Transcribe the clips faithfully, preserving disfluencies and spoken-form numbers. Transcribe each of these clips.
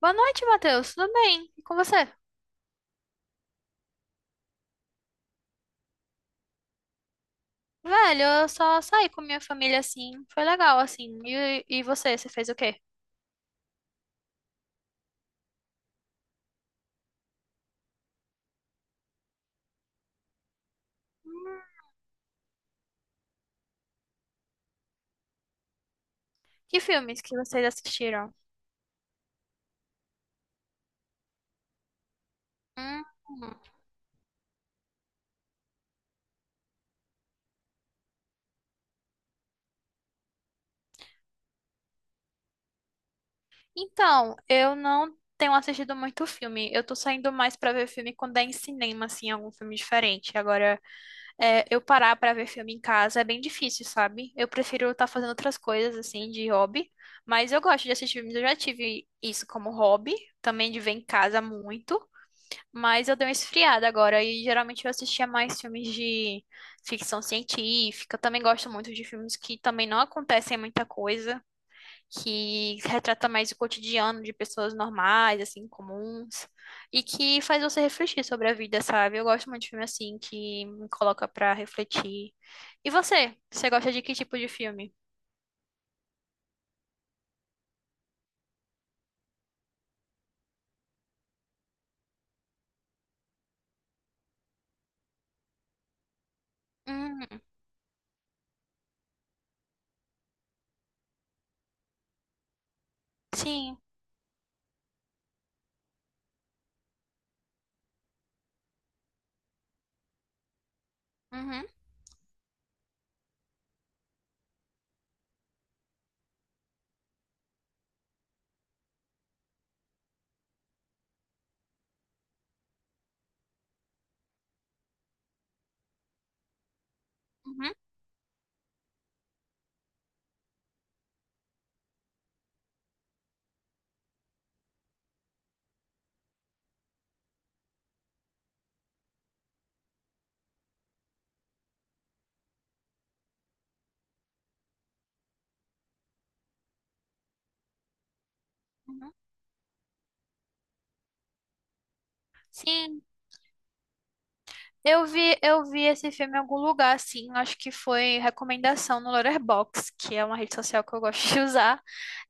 Boa noite, Matheus. Tudo bem? E com você? Velho, eu só saí com minha família assim. Foi legal, assim. E, e você, você fez o quê? Que filmes que vocês assistiram? Hum. Então, eu não tenho assistido muito filme. Eu tô saindo mais pra ver filme quando é em cinema, assim, algum filme diferente. Agora, é, eu parar pra ver filme em casa é bem difícil, sabe? Eu prefiro estar fazendo outras coisas, assim, de hobby. Mas eu gosto de assistir filmes. Eu já tive isso como hobby, também de ver em casa muito. Mas eu dei uma esfriada agora e geralmente eu assistia mais filmes de ficção científica. Eu também gosto muito de filmes que também não acontecem muita coisa, que retrata mais o cotidiano de pessoas normais, assim, comuns, e que faz você refletir sobre a vida, sabe? Eu gosto muito de filme assim que me coloca pra refletir. E você? Você gosta de que tipo de filme? Hum, sim. Uhum, uhum, uhum. Sim. Eu vi, eu vi esse filme em algum lugar, assim, acho que foi recomendação no Letterboxd, que é uma rede social que eu gosto de usar,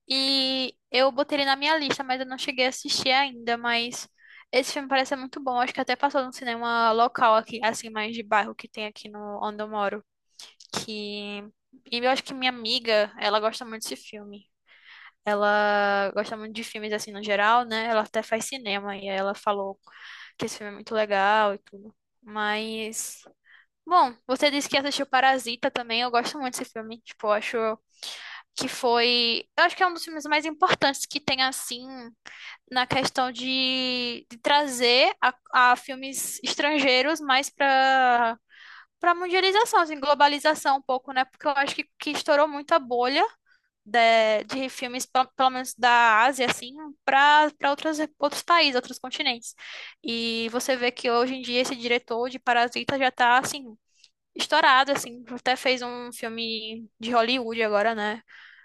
e eu botei ele na minha lista, mas eu não cheguei a assistir ainda, mas esse filme parece ser muito bom, acho que até passou num cinema local aqui, assim, mais de bairro que tem aqui no onde eu moro, que... E eu acho que minha amiga, ela gosta muito desse filme. Ela gosta muito de filmes assim no geral, né? Ela até faz cinema e aí ela falou que esse filme é muito legal e tudo. Mas bom, você disse que assistiu Parasita também. Eu gosto muito desse filme. Tipo, eu acho que foi. Eu acho que é um dos filmes mais importantes que tem, assim, na questão de, de trazer a, a filmes estrangeiros mais para para mundialização, assim, globalização um pouco, né? Porque eu acho que, que estourou muito a bolha de, de filmes, pe- pelo menos da Ásia, assim, para para outros, outros países, outros continentes. E você vê que hoje em dia esse diretor de Parasita já tá, assim, estourado, assim. Até fez um filme de Hollywood agora, né?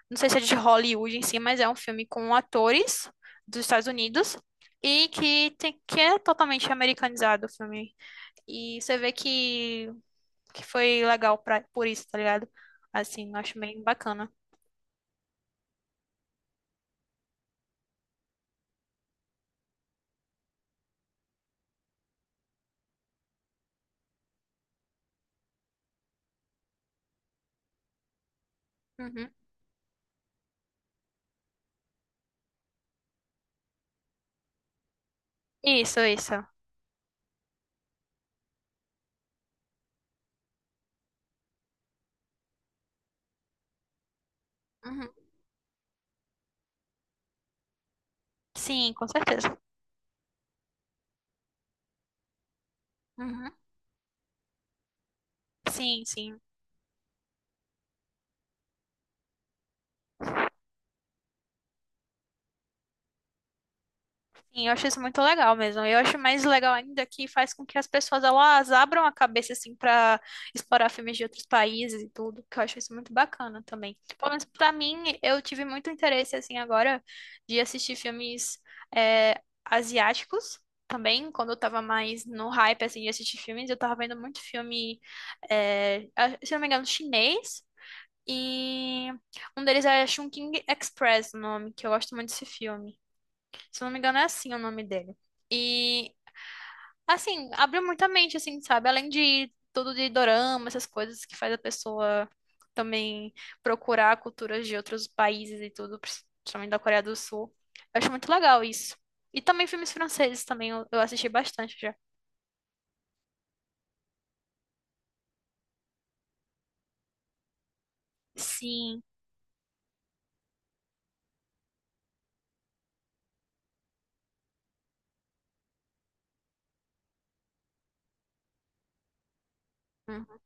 Não sei se é de Hollywood em si, mas é um filme com atores dos Estados Unidos e que, tem, que é totalmente americanizado o filme. E você vê que, que foi legal pra, por isso, tá ligado? Assim, eu acho bem bacana. Uhum. Isso, isso. Uhum. Sim, com certeza. Uhum. Sim, sim. Sim, eu acho isso muito legal mesmo. Eu acho mais legal ainda que faz com que as pessoas elas abram a cabeça assim para explorar filmes de outros países e tudo, que eu acho isso muito bacana também. Pelo menos para mim, eu tive muito interesse assim agora de assistir filmes é, asiáticos também. Quando eu tava mais no hype assim de assistir filmes, eu tava vendo muito filme, é, a- se não me engano, chinês. E um deles é Chungking Express, o nome, que eu gosto muito desse filme. Se não me engano, é assim o nome dele. E, assim, abriu muita mente, assim, sabe? Além de tudo de dorama, essas coisas que faz a pessoa também procurar culturas de outros países e tudo, principalmente da Coreia do Sul. Eu acho muito legal isso. E também filmes franceses também, eu, eu assisti bastante já. Sim. Uhum,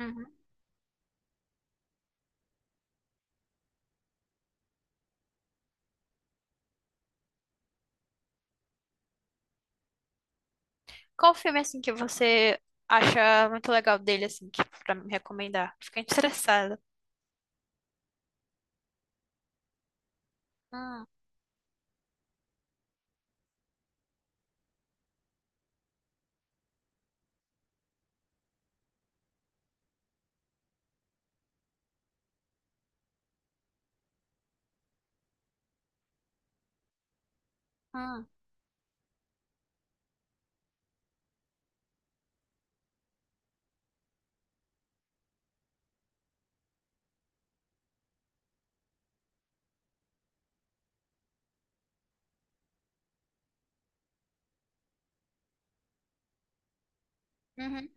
uhum. Qual filme, assim, que você acha muito legal dele, assim, que, pra me recomendar? Fiquei interessada. Hum, hum, uhum.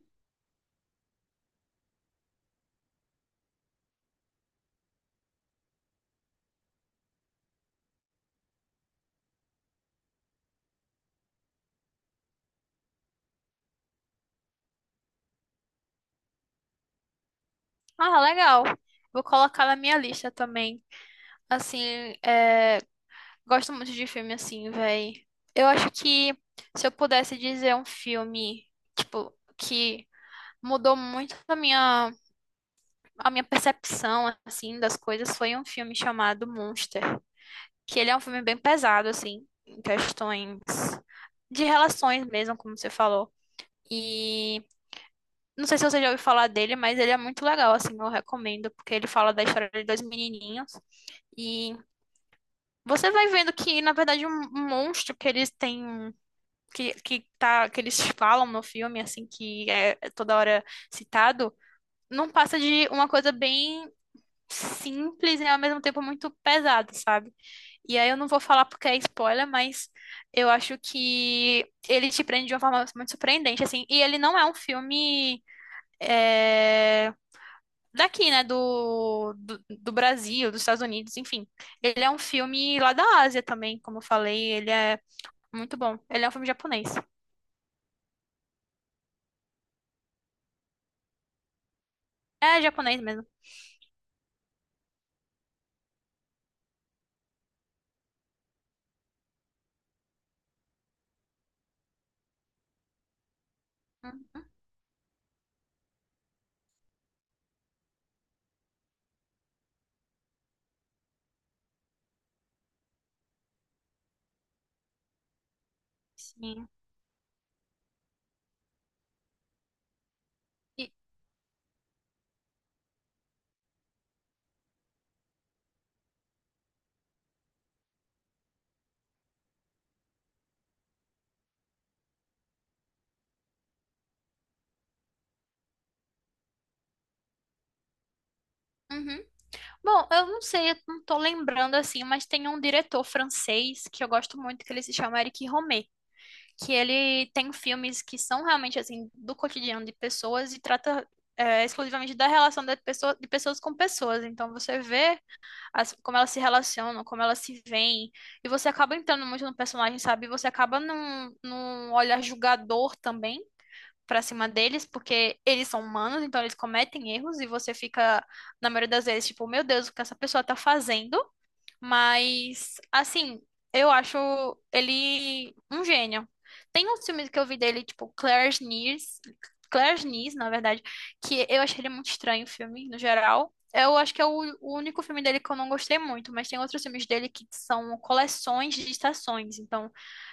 Ah, legal. Vou colocar na minha lista também. Assim, é, gosto muito de filme assim, véi. Eu acho que se eu pudesse dizer um filme, tipo, que mudou muito a minha, a minha percepção, assim, das coisas, foi um filme chamado Monster. Que ele é um filme bem pesado, assim, em questões de relações mesmo, como você falou. E não sei se você já ouviu falar dele, mas ele é muito legal, assim, eu recomendo, porque ele fala da história de dois menininhos. E você vai vendo que, na verdade, um um monstro que eles têm, que, que, tá, que eles falam no filme, assim, que é é toda hora citado, não passa de uma coisa bem simples e, ao mesmo tempo, muito pesada, sabe? E aí eu não vou falar porque é spoiler, mas eu acho que ele te prende de uma forma muito surpreendente, assim. E ele não é um filme. é, Daqui, né, do, do, do Brasil, dos Estados Unidos, enfim. Ele é um filme lá da Ásia também, como eu falei, ele é muito bom. Ele é um filme japonês. É japonês mesmo. Uhum, sim. E- uhum. Bom, eu não sei, eu não tô lembrando assim, mas tem um diretor francês que eu gosto muito, que ele se chama Eric Rohmer, que ele tem filmes que são realmente assim do cotidiano de pessoas e trata é, exclusivamente da relação da pessoa, de pessoas com pessoas. Então você vê as- como elas se relacionam, como elas se veem. E você acaba entrando muito no personagem, sabe? E você acaba num, num olhar julgador também pra cima deles, porque eles são humanos, então eles cometem erros e você fica, na maioria das vezes, tipo, meu Deus, o que essa pessoa tá fazendo? Mas, assim, eu acho ele um gênio. Tem uns filmes que eu vi dele, tipo Claire's Niece, Claire's Niece, na verdade, que eu achei ele muito estranho o filme, no geral. Eu acho que é o, o único filme dele que eu não gostei muito, mas tem outros filmes dele que são coleções de estações. Então,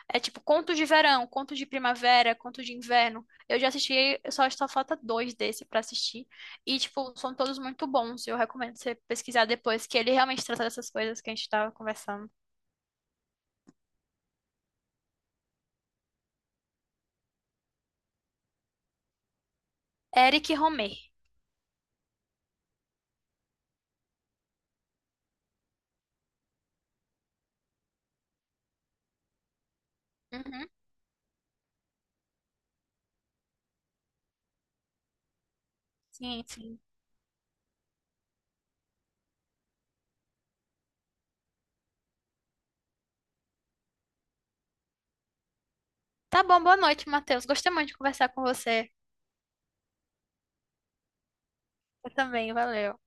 é tipo contos de verão, contos de primavera, contos de inverno. Eu já assisti, só só falta dois desse pra assistir. E, tipo, são todos muito bons. Eu recomendo você pesquisar depois, que ele realmente trata dessas coisas que a gente tava conversando. Eric Romer. Uhum, sim, sim. Tá bom, boa noite, Matheus. Gostei muito de conversar com você. Eu também, valeu.